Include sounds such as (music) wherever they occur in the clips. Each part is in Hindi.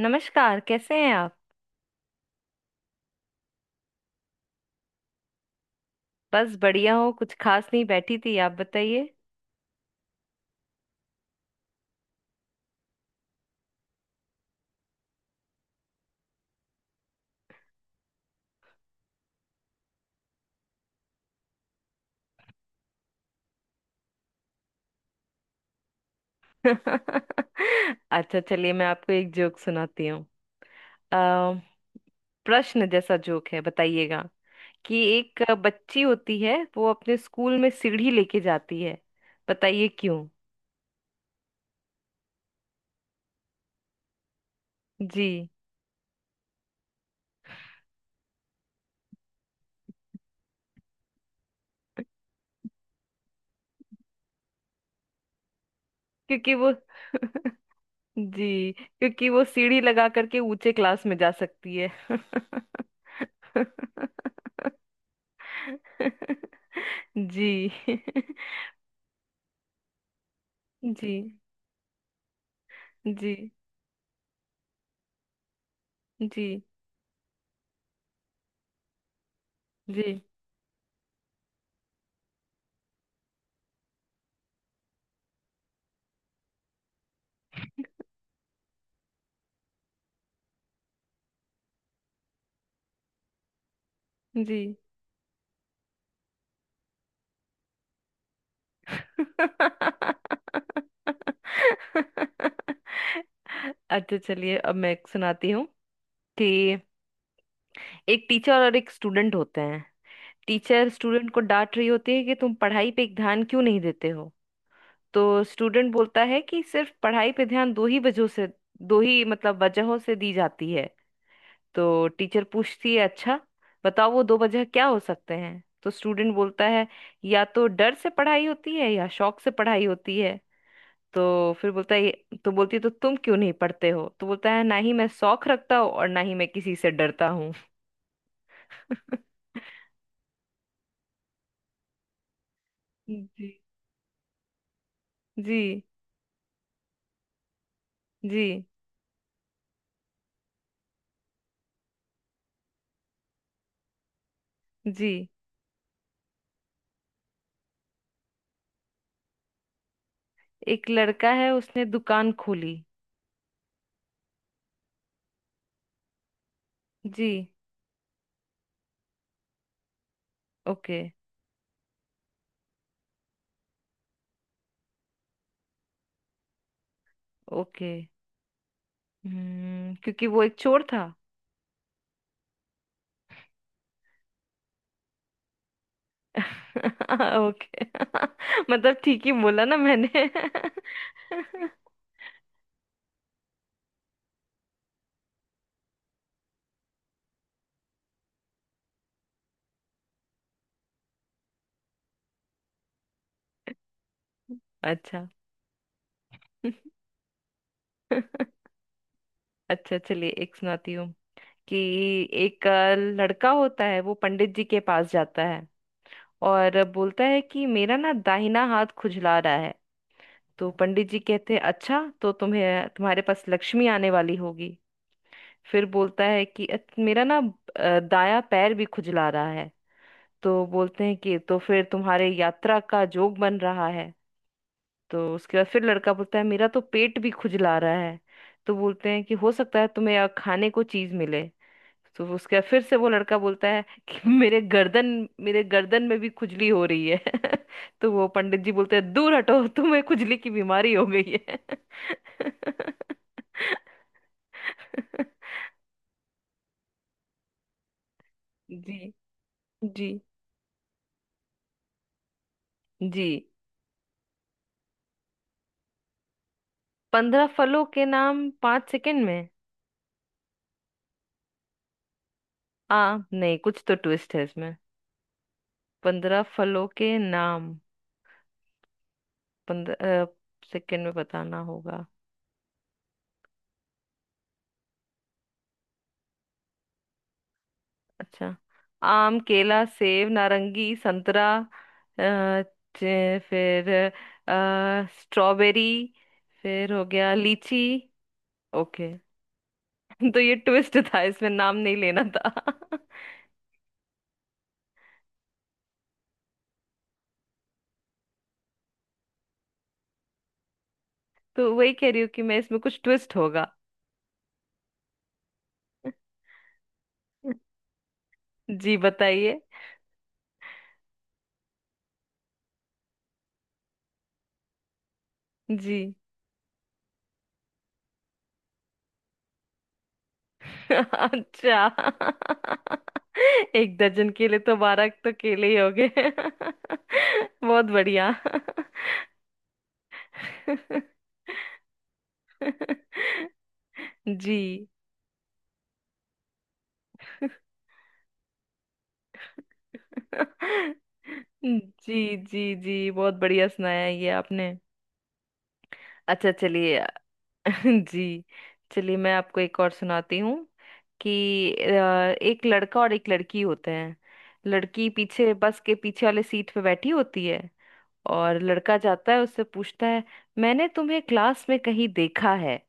नमस्कार, कैसे हैं आप। बस बढ़िया हो, कुछ खास नहीं, बैठी थी। आप बताइए। (laughs) अच्छा, चलिए मैं आपको एक जोक सुनाती हूँ। अ, प्रश्न जैसा जोक है, बताइएगा कि एक बच्ची होती है, वो अपने स्कूल में सीढ़ी लेके जाती है। बताइए क्यों। जी, क्योंकि वो (laughs) जी, क्योंकि वो सीढ़ी लगा करके ऊंचे क्लास में जा सकती है। (laughs) जी। (laughs) जी। जी। जी। जी। जी। अच्छा, चलिए अब मैं एक सुनाती हूँ कि एक टीचर और एक स्टूडेंट होते हैं। टीचर स्टूडेंट को डांट रही होती है कि तुम पढ़ाई पे एक ध्यान क्यों नहीं देते हो। तो स्टूडेंट बोलता है कि सिर्फ पढ़ाई पे ध्यान दो ही वजहों से, दो ही मतलब वजहों से दी जाती है। तो टीचर पूछती है, अच्छा बताओ वो दो वजह क्या हो सकते हैं। तो स्टूडेंट बोलता है, या तो डर से पढ़ाई होती है, या शौक से पढ़ाई होती है। तो फिर बोलता है, तो बोलती है तो तुम क्यों नहीं पढ़ते हो। तो बोलता है, ना ही मैं शौक रखता हूँ और ना ही मैं किसी से डरता हूँ। (laughs) जी। जी। जी। जी। एक लड़का है, उसने दुकान खोली। जी। ओके। ओके। क्योंकि वो एक चोर था। (laughs) ओके। (laughs) मतलब ठीक ही बोला ना मैंने। (laughs) अच्छा। (laughs) अच्छा, चलिए एक सुनाती हूँ कि एक लड़का होता है, वो पंडित जी के पास जाता है और बोलता है कि मेरा ना दाहिना हाथ खुजला रहा है। तो पंडित जी कहते हैं, अच्छा तो तुम्हें, तुम्हारे पास लक्ष्मी आने वाली होगी। फिर बोलता है कि मेरा ना दायां पैर भी खुजला रहा है। तो बोलते हैं कि तो फिर तुम्हारे यात्रा का जोग बन रहा है। तो उसके बाद फिर लड़का बोलता है, मेरा तो पेट भी खुजला रहा है। तो बोलते हैं कि हो सकता है तुम्हें यहाँ खाने को चीज मिले। तो उसके बाद फिर से वो लड़का बोलता है (laughs) कि मेरे गर्दन में भी खुजली हो रही है। (laughs) तो वो पंडित जी बोलते हैं, दूर हटो, तुम्हें खुजली की बीमारी हो गई है। (laughs) जी। जी। जी 15 फलों के नाम 5 सेकंड में। आ, नहीं, कुछ तो ट्विस्ट है इसमें। पंद्रह फलों के नाम 15 सेकंड में बताना होगा। अच्छा, आम, केला, सेब, नारंगी, संतरा, अ, फिर स्ट्रॉबेरी, फिर हो गया लीची। ओके। (laughs) तो ये ट्विस्ट था इसमें, नाम नहीं लेना था। (laughs) तो वही कह रही हूँ कि मैं, इसमें कुछ ट्विस्ट होगा। (laughs) जी बताइए। जी। (laughs) अच्छा। (laughs) एक दर्जन केले तो 12 तो केले ही हो गए। (laughs) बहुत बढ़िया। (laughs) (laughs) जी। (laughs) जी। जी। जी बहुत बढ़िया सुनाया ये आपने। अच्छा, चलिए। (laughs) जी। चलिए मैं आपको एक और सुनाती हूँ कि एक लड़का और एक लड़की होते हैं। लड़की पीछे, बस के पीछे वाले सीट पे बैठी होती है। और लड़का जाता है, उससे पूछता है, मैंने तुम्हें क्लास में कहीं देखा है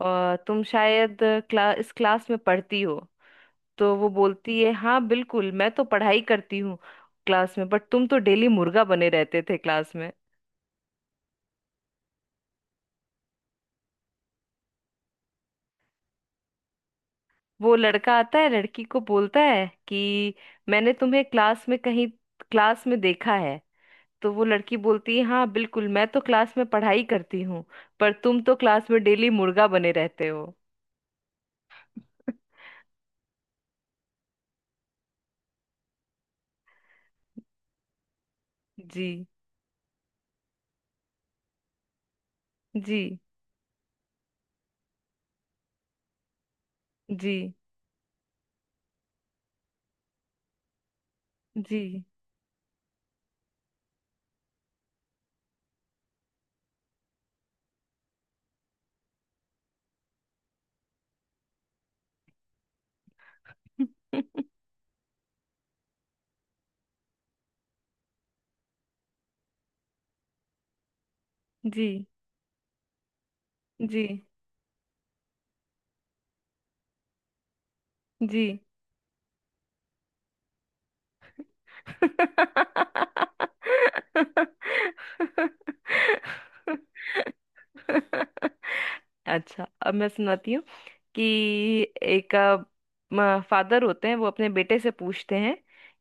और तुम शायद इस क्लास में पढ़ती हो। तो वो बोलती है, हाँ बिल्कुल मैं तो पढ़ाई करती हूँ क्लास में, बट तुम तो डेली मुर्गा बने रहते थे क्लास में। वो लड़का आता है, लड़की को बोलता है कि मैंने तुम्हें क्लास में कहीं, क्लास में देखा है। तो वो लड़की बोलती है, हाँ बिल्कुल मैं तो क्लास में पढ़ाई करती हूँ, पर तुम तो क्लास में डेली मुर्गा बने रहते हो। जी। जी। जी। जी। (laughs) जी। जी। जी। अच्छा, अब मैं सुनाती हूँ कि एक फादर होते हैं, वो अपने बेटे से पूछते हैं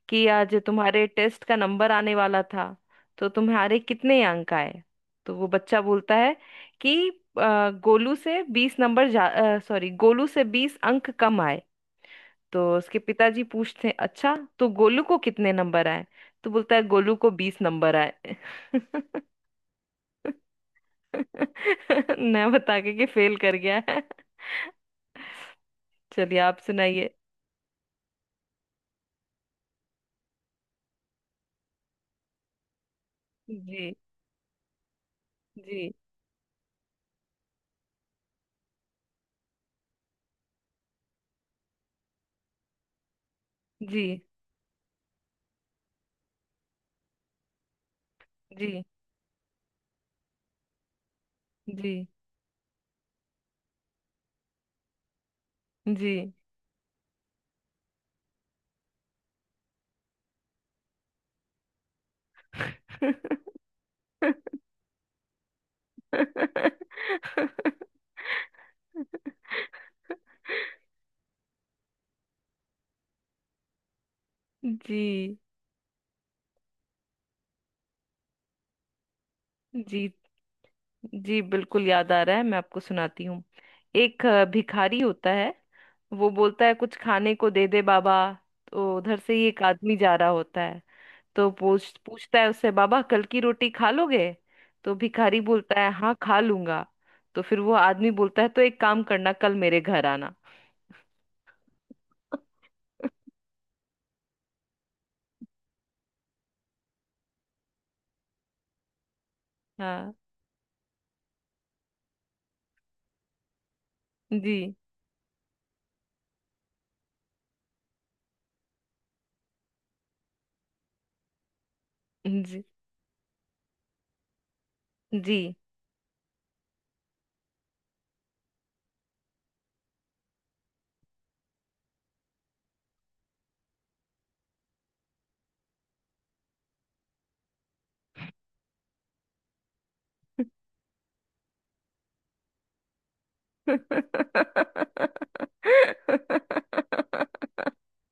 कि आज तुम्हारे टेस्ट का नंबर आने वाला था, तो तुम्हारे कितने अंक आए। तो वो बच्चा बोलता है कि गोलू से 20 नंबर जा, सॉरी, गोलू से 20 अंक कम आए। तो उसके पिताजी पूछते हैं, अच्छा तो गोलू को कितने नंबर आए। तो बोलता है, गोलू को 20 नंबर आए। (laughs) न बता के कि फेल कर गया है। चलिए, आप सुनाइए। जी। जी। जी। जी। जी। जी। (laughs) जी। जी। जी बिल्कुल याद आ रहा है, मैं आपको सुनाती हूँ। एक भिखारी होता है, वो बोलता है, कुछ खाने को दे दे बाबा। तो उधर से ही एक आदमी जा रहा होता है। तो पूछता है उससे, बाबा कल की रोटी खा लोगे। तो भिखारी बोलता है, हाँ खा लूंगा। तो फिर वो आदमी बोलता है, तो एक काम करना, कल मेरे घर आना। हाँ। जी। जी। जी। (laughs)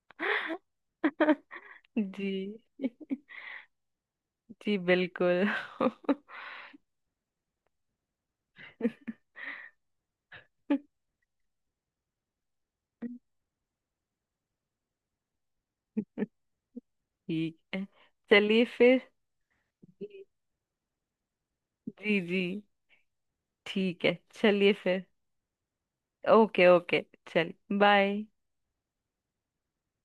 जी। जी बिल्कुल। (laughs) ठीक है, चलिए फिर। जी। जी। जी। ठीक है, चलिए फिर। ओके। ओके। चलिए, बाय।